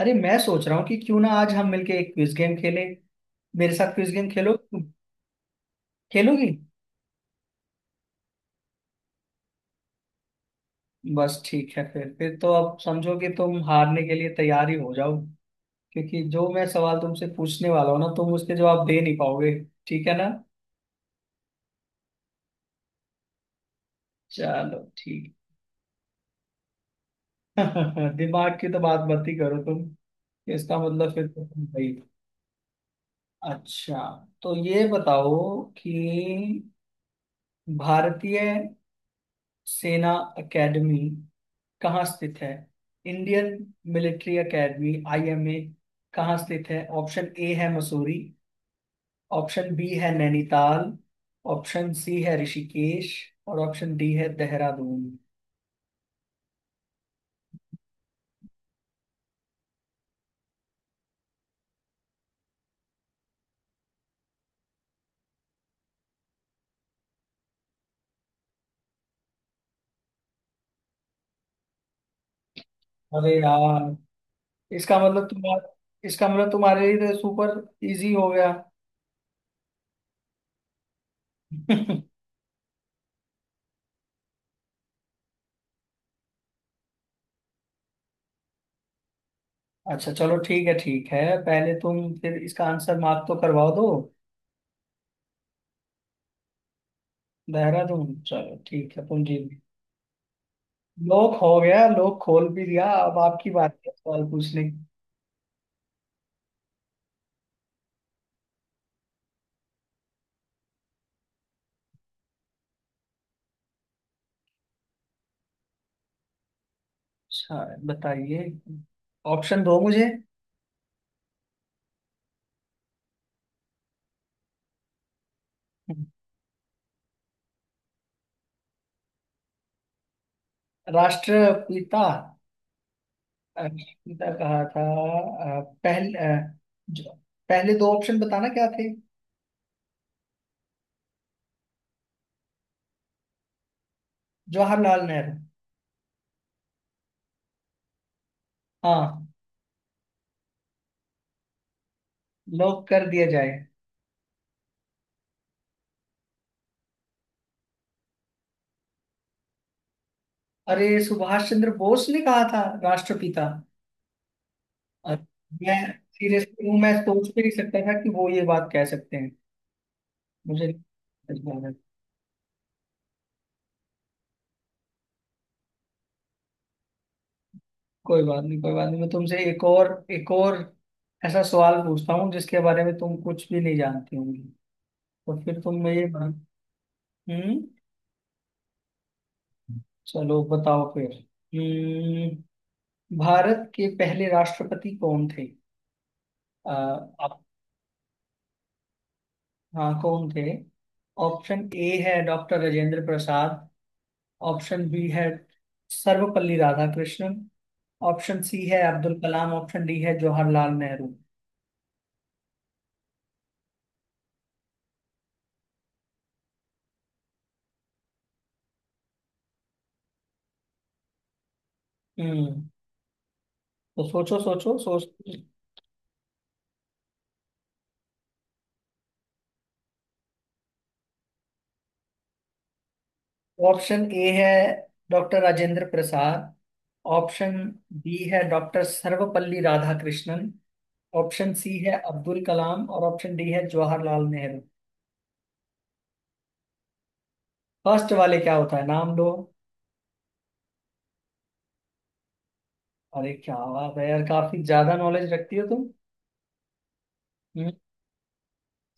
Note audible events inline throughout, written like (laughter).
अरे मैं सोच रहा हूँ कि क्यों ना आज हम मिलके एक क्विज गेम खेलें। मेरे साथ क्विज गेम खेलो। खेलोगी? बस ठीक है, फिर तो अब समझो कि तुम हारने के लिए तैयार ही हो जाओ, क्योंकि जो मैं सवाल तुमसे पूछने वाला हूँ ना, तुम उसके जवाब दे नहीं पाओगे। ठीक है ना? चलो ठीक। (laughs) दिमाग की तो बात मत ही करो तुम। इसका मतलब फिर तो तुम भाई। अच्छा, तो ये बताओ कि भारतीय सेना एकेडमी कहाँ स्थित है? इंडियन मिलिट्री एकेडमी आईएमए कहाँ स्थित है? ऑप्शन ए है मसूरी, ऑप्शन बी है नैनीताल, ऑप्शन सी है ऋषिकेश और ऑप्शन डी है देहरादून। अरे यार, इसका मतलब तुम्हारा, इसका मतलब तुम्हारे लिए तो सुपर इजी हो गया। (laughs) अच्छा चलो ठीक है, ठीक है, पहले तुम फिर इसका आंसर मार्क तो करवा दो। देहरादून। चलो ठीक है, तुम जीत गए। लोक हो गया, लोक खोल भी दिया, अब आपकी बात है सवाल पूछने। अच्छा बताइए, ऑप्शन दो मुझे। राष्ट्रपिता? राष्ट्रपिता कहा था। अ, पहल, अ, जो, पहले दो ऑप्शन बताना क्या थे? जवाहरलाल नेहरू। हाँ। लॉक कर दिया जाए। अरे सुभाष चंद्र बोस ने कहा था राष्ट्रपिता? और मैं सीरियसली हूँ, मैं सोच भी नहीं सकता था कि वो ये बात कह सकते हैं मुझे। कोई बात नहीं, कोई बात नहीं, मैं तुमसे एक और ऐसा सवाल पूछता हूँ जिसके बारे में तुम कुछ भी नहीं जानती होंगी। तो फिर तुम ये बना। हम्म। चलो बताओ फिर। हम्म। भारत के पहले राष्ट्रपति कौन थे? आप। हाँ, कौन थे? ऑप्शन ए है doctor Rajendra Prasad, option B है सर्वपल्ली राधाकृष्णन, ऑप्शन सी है अब्दुल कलाम, ऑप्शन डी है जवाहरलाल नेहरू। हम्म। तो सोचो, सोचो, सोच। ऑप्शन ए है doctor Rajendra Prasad, option B है doctor Sarvepalli Radhakrishnan, option C है अब्दुल कलाम और ऑप्शन डी है जवाहरलाल नेहरू। फर्स्ट वाले क्या होता है, नाम लो। अरे क्या बात है यार, काफी ज्यादा नॉलेज रखती हो तुम। हम्म,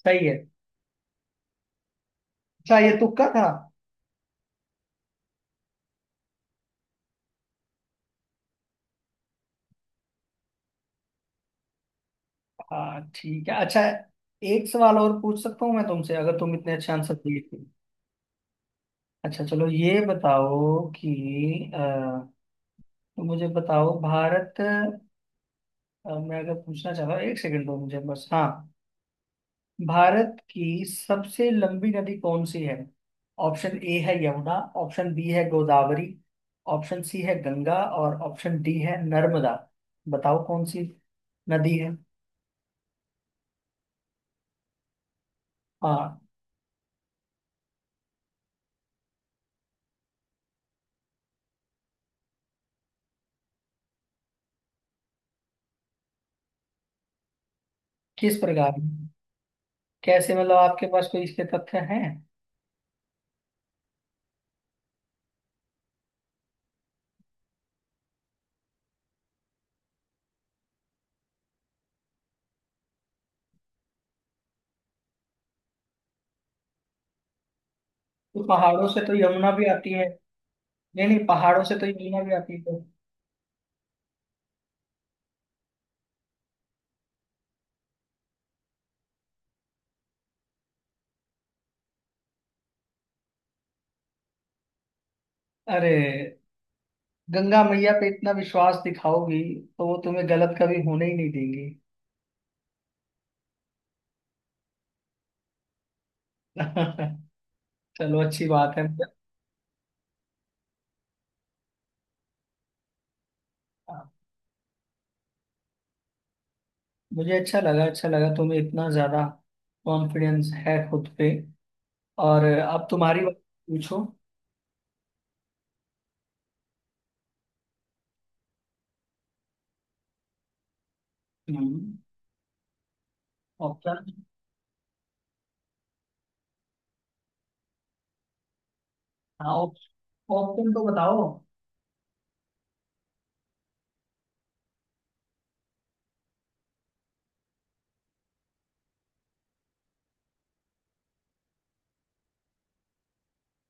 सही है। अच्छा, ये तुक्का था? हाँ ठीक है। अच्छा, एक सवाल और पूछ सकता हूँ मैं तुमसे, अगर तुम इतने अच्छे आंसर दिए थे। अच्छा चलो ये बताओ कि तो मुझे बताओ भारत, मैं अगर पूछना चाहता हूँ, एक सेकंड दो मुझे बस। हाँ, भारत की सबसे लंबी नदी कौन सी है? ऑप्शन ए है यमुना, ऑप्शन बी है गोदावरी, ऑप्शन सी है गंगा और ऑप्शन डी है नर्मदा। बताओ कौन सी नदी है। हाँ। किस प्रकार की? कैसे मतलब, आपके पास कोई इसके तथ्य हैं? तो पहाड़ों से तो यमुना भी आती है। नहीं नहीं, पहाड़ों से तो यमुना भी आती है तो। अरे, गंगा मैया पे इतना विश्वास दिखाओगी तो वो तुम्हें गलत कभी होने ही नहीं देंगी। चलो, अच्छी बात है। मुझे अच्छा लगा, अच्छा लगा, तुम्हें इतना ज्यादा कॉन्फिडेंस है खुद पे। और अब तुम्हारी बात, पूछो। हम्म। ऑप्शन। हाँ, ऑप्शन तो बताओ।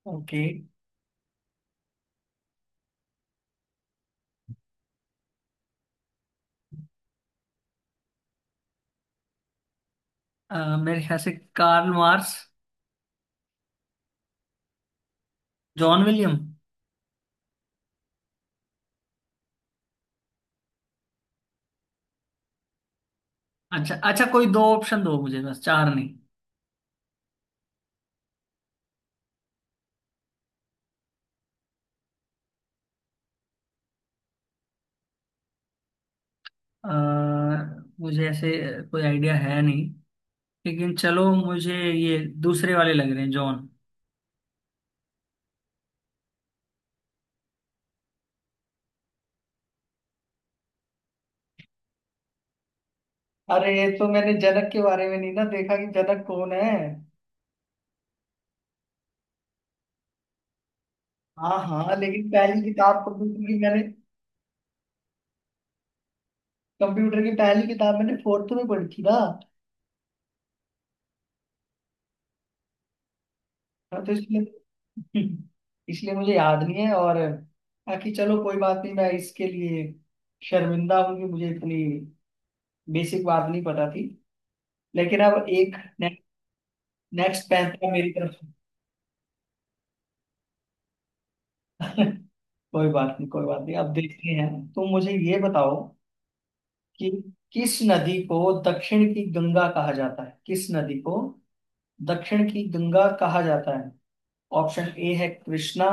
ओके। मेरे ख्याल से कार्ल मार्क्स। John William. अच्छा अच्छा, कोई दो ऑप्शन दो मुझे, बस चार नहीं। अ, मुझे ऐसे कोई आइडिया है नहीं, लेकिन चलो मुझे ये दूसरे वाले लग रहे हैं, जॉन। अरे ये तो मैंने जनक के बारे में नहीं ना देखा कि जनक कौन है। हाँ हाँ, लेकिन पहली किताब कंप्यूटर की मैंने, कंप्यूटर की पहली किताब मैंने फोर्थ में पढ़ी थी ना। हाँ, तो इसलिए। (laughs) इसलिए मुझे याद नहीं है। और बाकी चलो कोई बात नहीं, मैं इसके लिए शर्मिंदा हूँ कि मुझे इतनी बेसिक बात नहीं पता थी। लेकिन अब नेक्स्ट पैंतरा मेरी तरफ से। (laughs) कोई बात नहीं, कोई बात नहीं, अब देखते हैं। तुम मुझे ये बताओ कि किस नदी को दक्षिण की गंगा कहा जाता है? किस नदी को दक्षिण की गंगा कहा जाता है? ऑप्शन ए है कृष्णा,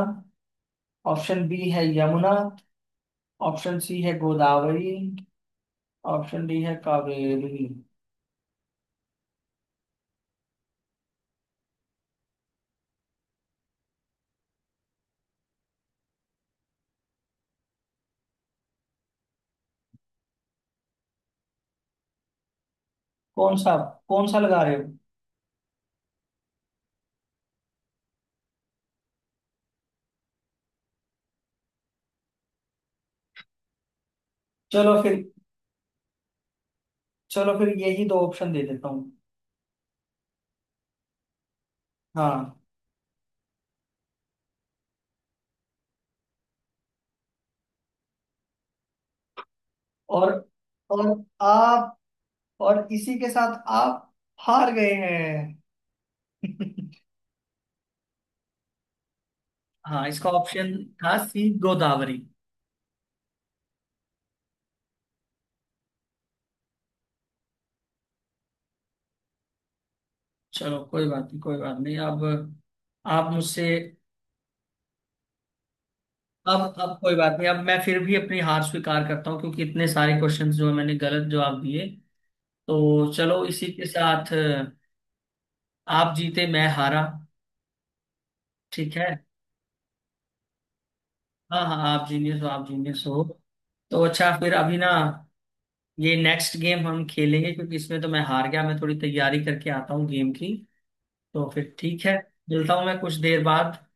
ऑप्शन बी है यमुना, ऑप्शन सी है गोदावरी, ऑप्शन डी है कावेरी। कौन सा? कौन सा लगा रहे हो? चलो फिर, चलो फिर यही दो ऑप्शन दे देता हूँ। हाँ। और और आप, और इसी के साथ आप हार गए हैं। (laughs) हाँ, इसका ऑप्शन था सी, गोदावरी। चलो कोई बात नहीं, कोई बात नहीं, अब आप मुझसे। अब कोई बात नहीं, अब मैं फिर भी अपनी हार स्वीकार करता हूँ क्योंकि इतने सारे क्वेश्चंस जो है, मैंने गलत जवाब दिए। तो चलो इसी के साथ आप जीते, मैं हारा। ठीक है। हाँ हाँ, आप जीनियस हो, आप जीनियस हो। तो अच्छा, फिर अभी ना ये नेक्स्ट गेम हम खेलेंगे, क्योंकि इसमें तो मैं हार गया। मैं थोड़ी तैयारी करके आता हूँ गेम की, तो फिर ठीक है। मिलता हूँ मैं कुछ देर बाद।